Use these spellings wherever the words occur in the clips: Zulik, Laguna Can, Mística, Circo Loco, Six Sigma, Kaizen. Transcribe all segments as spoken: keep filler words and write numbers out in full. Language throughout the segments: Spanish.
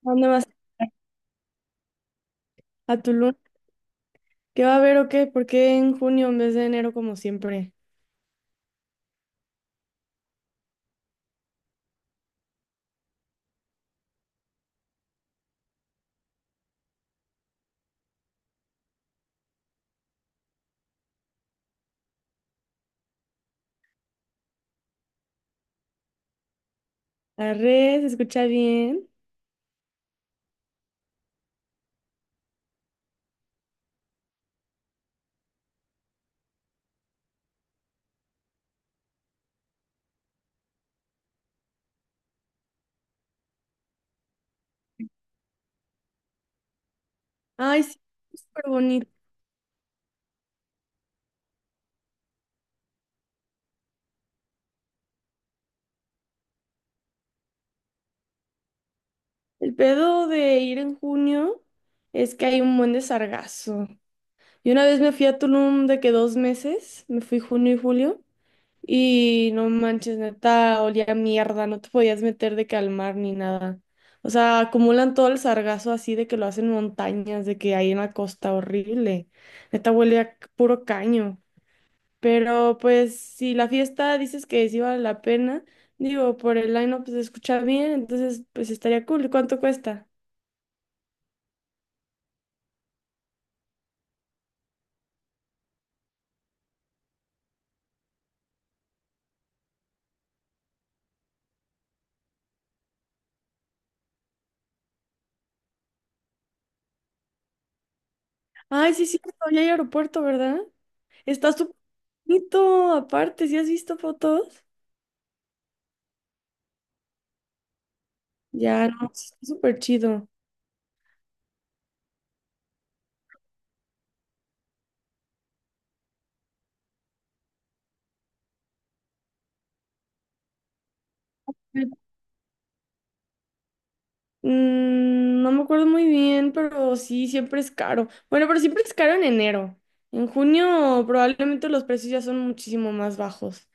¿Dónde vas a Tulum? ¿Qué va a haber o qué? ¿Por qué en junio en vez de enero como siempre? La red, ¿se escucha bien? Ay, sí, es súper bonito. El pedo de ir en junio es que hay un buen de sargazo. Y una vez me fui a Tulum de que dos meses, me fui junio y julio, y no manches, neta, olía a mierda, no te podías meter de calmar ni nada. O sea, acumulan todo el sargazo así de que lo hacen montañas, de que hay una costa horrible. Neta huele a c- puro caño. Pero pues si la fiesta dices que sí vale la pena, digo, por el line-up se escucha bien, entonces pues estaría cool. ¿Cuánto cuesta? Ay, sí, sí, ya hay aeropuerto, ¿verdad? Está súper bonito, aparte, ¿sí has visto fotos? Ya, no, sí, está súper chido. Mm, no me acuerdo muy bien, pero sí, siempre es caro. Bueno, pero siempre es caro en enero. En junio probablemente los precios ya son muchísimo más bajos.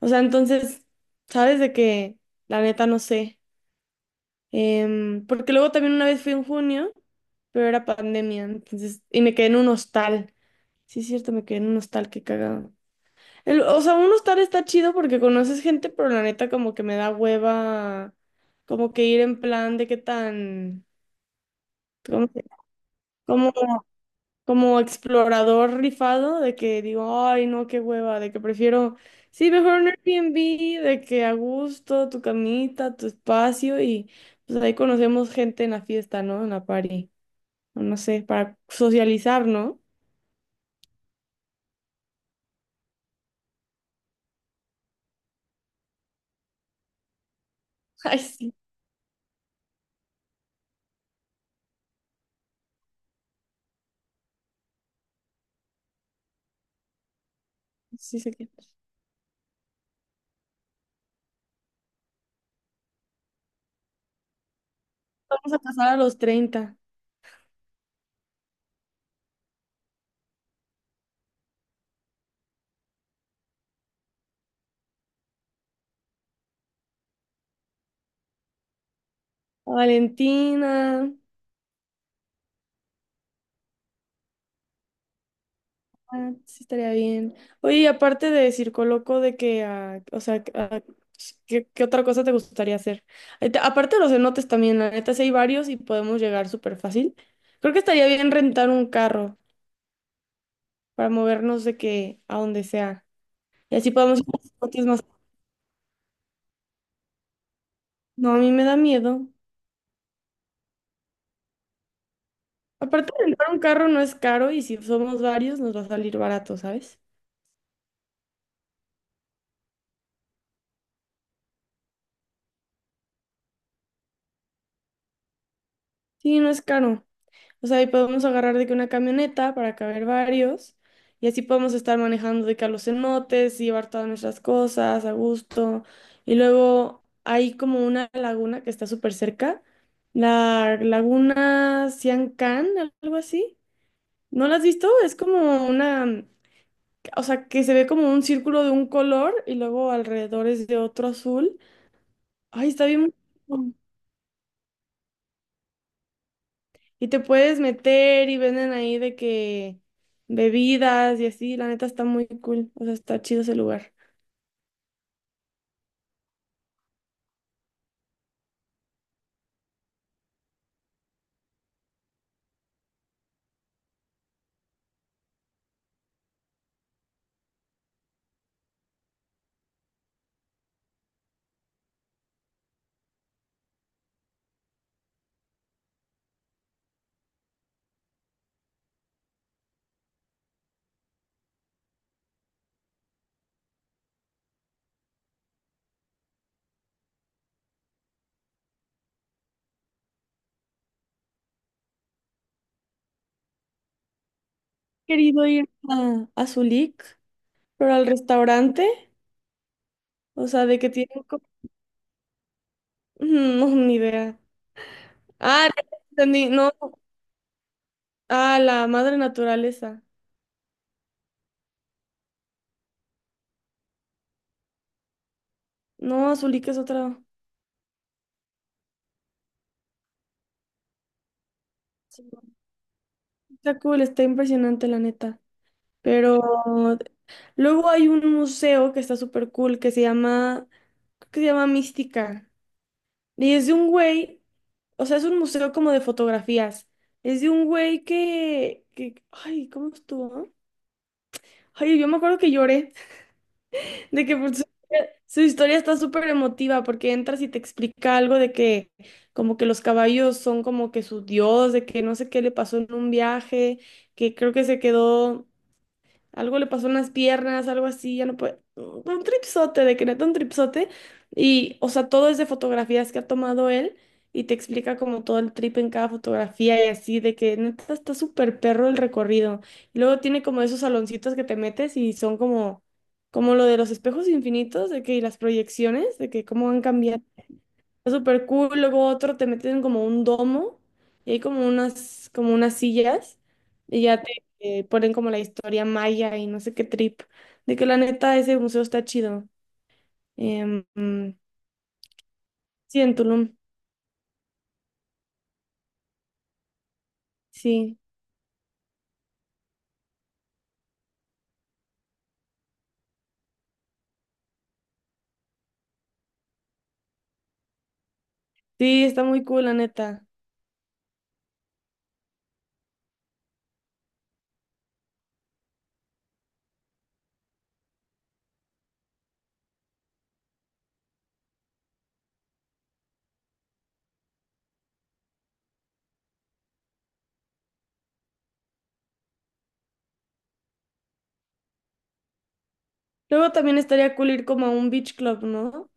O sea, entonces, ¿sabes de que La neta no sé. Em, porque luego también una vez fui en junio, pero era pandemia, entonces, y me quedé en un hostal. Sí, es cierto, me quedé en un hostal, qué cagado. El- o sea, un hostal está chido porque conoces gente, pero la neta como que me da hueva, como que ir en plan de qué tan, como, como, como explorador rifado, de que digo, ay, no, qué hueva, de que prefiero, sí, mejor un Airbnb, de que a gusto, tu camita, tu espacio y... Pues ahí conocemos gente en la fiesta, ¿no? En la party. O no sé, para socializar, ¿no? Ay, sí, sí sé que. Vamos a pasar a los treinta. A Valentina, ah, sí estaría bien. Oye, y aparte de Circo Loco, de que, ah, o sea, que, ah, ¿qué, qué otra cosa te gustaría hacer? Ay, te- aparte de los cenotes también, la neta, sí hay varios y podemos llegar súper fácil. Creo que estaría bien rentar un carro para movernos de que a donde sea. Y así podemos ir a los cenotes más. No, a mí me da miedo. Aparte, rentar un carro no es caro y si somos varios nos va a salir barato, ¿sabes? Sí, no es caro. O sea, y podemos agarrar de que una camioneta para caber varios y así podemos estar manejando de que a los cenotes y llevar todas nuestras cosas a gusto. Y luego hay como una laguna que está súper cerca, la laguna Can, algo así. ¿No la has visto? Es como una, o sea, que se ve como un círculo de un color y luego alrededor es de otro azul. Ay, está bien. Bueno. Y te puedes meter y venden ahí de que bebidas y así. La neta está muy cool. O sea, está chido ese lugar. Querido ir a, a Zulik, pero al restaurante. O sea, de que tienen como... No, ni idea. Ah, ya entendí. No. Ah, la madre naturaleza. No, Zulik es otra. Sí. Está cool, está impresionante, la neta. Pero luego hay un museo que está súper cool que se llama... Creo que se llama Mística. Y es de un güey, o sea, es un museo como de fotografías. Es de un güey que, que, ay, ¿cómo estuvo? Ay, yo me acuerdo que lloré, de que pues, su, su historia está súper emotiva porque entras y te explica algo de que como que los caballos son como que su dios, de que no sé qué le pasó en un viaje, que creo que se quedó. Algo le pasó en las piernas, algo así, ya no puede. Un tripsote, de que neta un tripsote. Y, o sea, todo es de fotografías que ha tomado él y te explica como todo el trip en cada fotografía y así, de que neta está súper perro el recorrido. Y luego tiene como esos saloncitos que te metes y son como, como lo de los espejos infinitos, de que y las proyecciones, de que cómo han cambiado. Está súper cool. Luego otro te meten como un domo y hay como unas, como unas sillas y ya te eh, ponen como la historia maya y no sé qué trip. De que la neta ese museo está chido. Em, mm, sí, en Tulum. Sí. Sí, está muy cool, la neta. Luego también estaría cool ir como a un beach club, ¿no?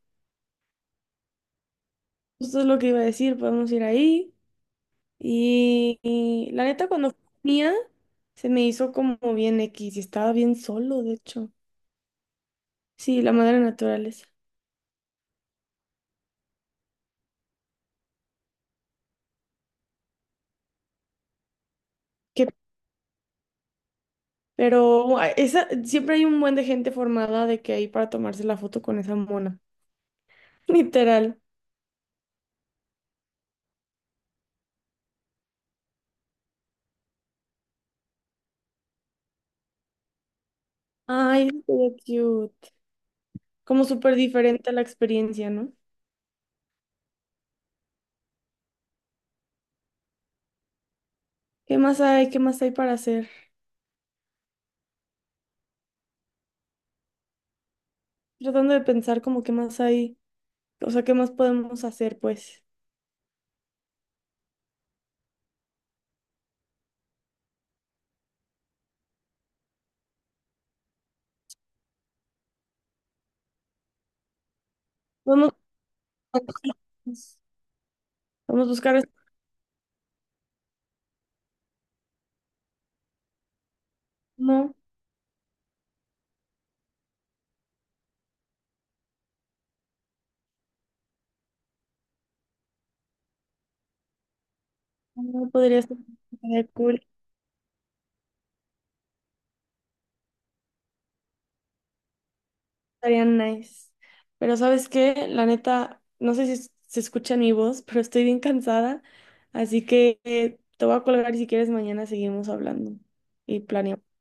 Eso es lo que iba a decir. Podemos ir ahí. Y, y la neta, cuando fui mía, se me hizo como bien X y estaba bien solo, de hecho. Sí, la madre naturaleza. Qué. Pero a- esa, siempre hay un buen de gente formada de que ahí para tomarse la foto con esa mona. Literal. Ay, estuvo cute. Como súper diferente a la experiencia, ¿no? ¿Qué más hay? ¿Qué más hay para hacer? Tratando de pensar como qué más hay. O sea, ¿qué más podemos hacer, pues? Podemos, podemos buscar, no, no. Ah, podría ser. Estaría cool. Estaría nice. Pero ¿sabes qué? La neta, no sé si es- se escucha en mi voz, pero estoy bien cansada. Así que eh, te voy a colgar y si quieres mañana seguimos hablando y planeamos.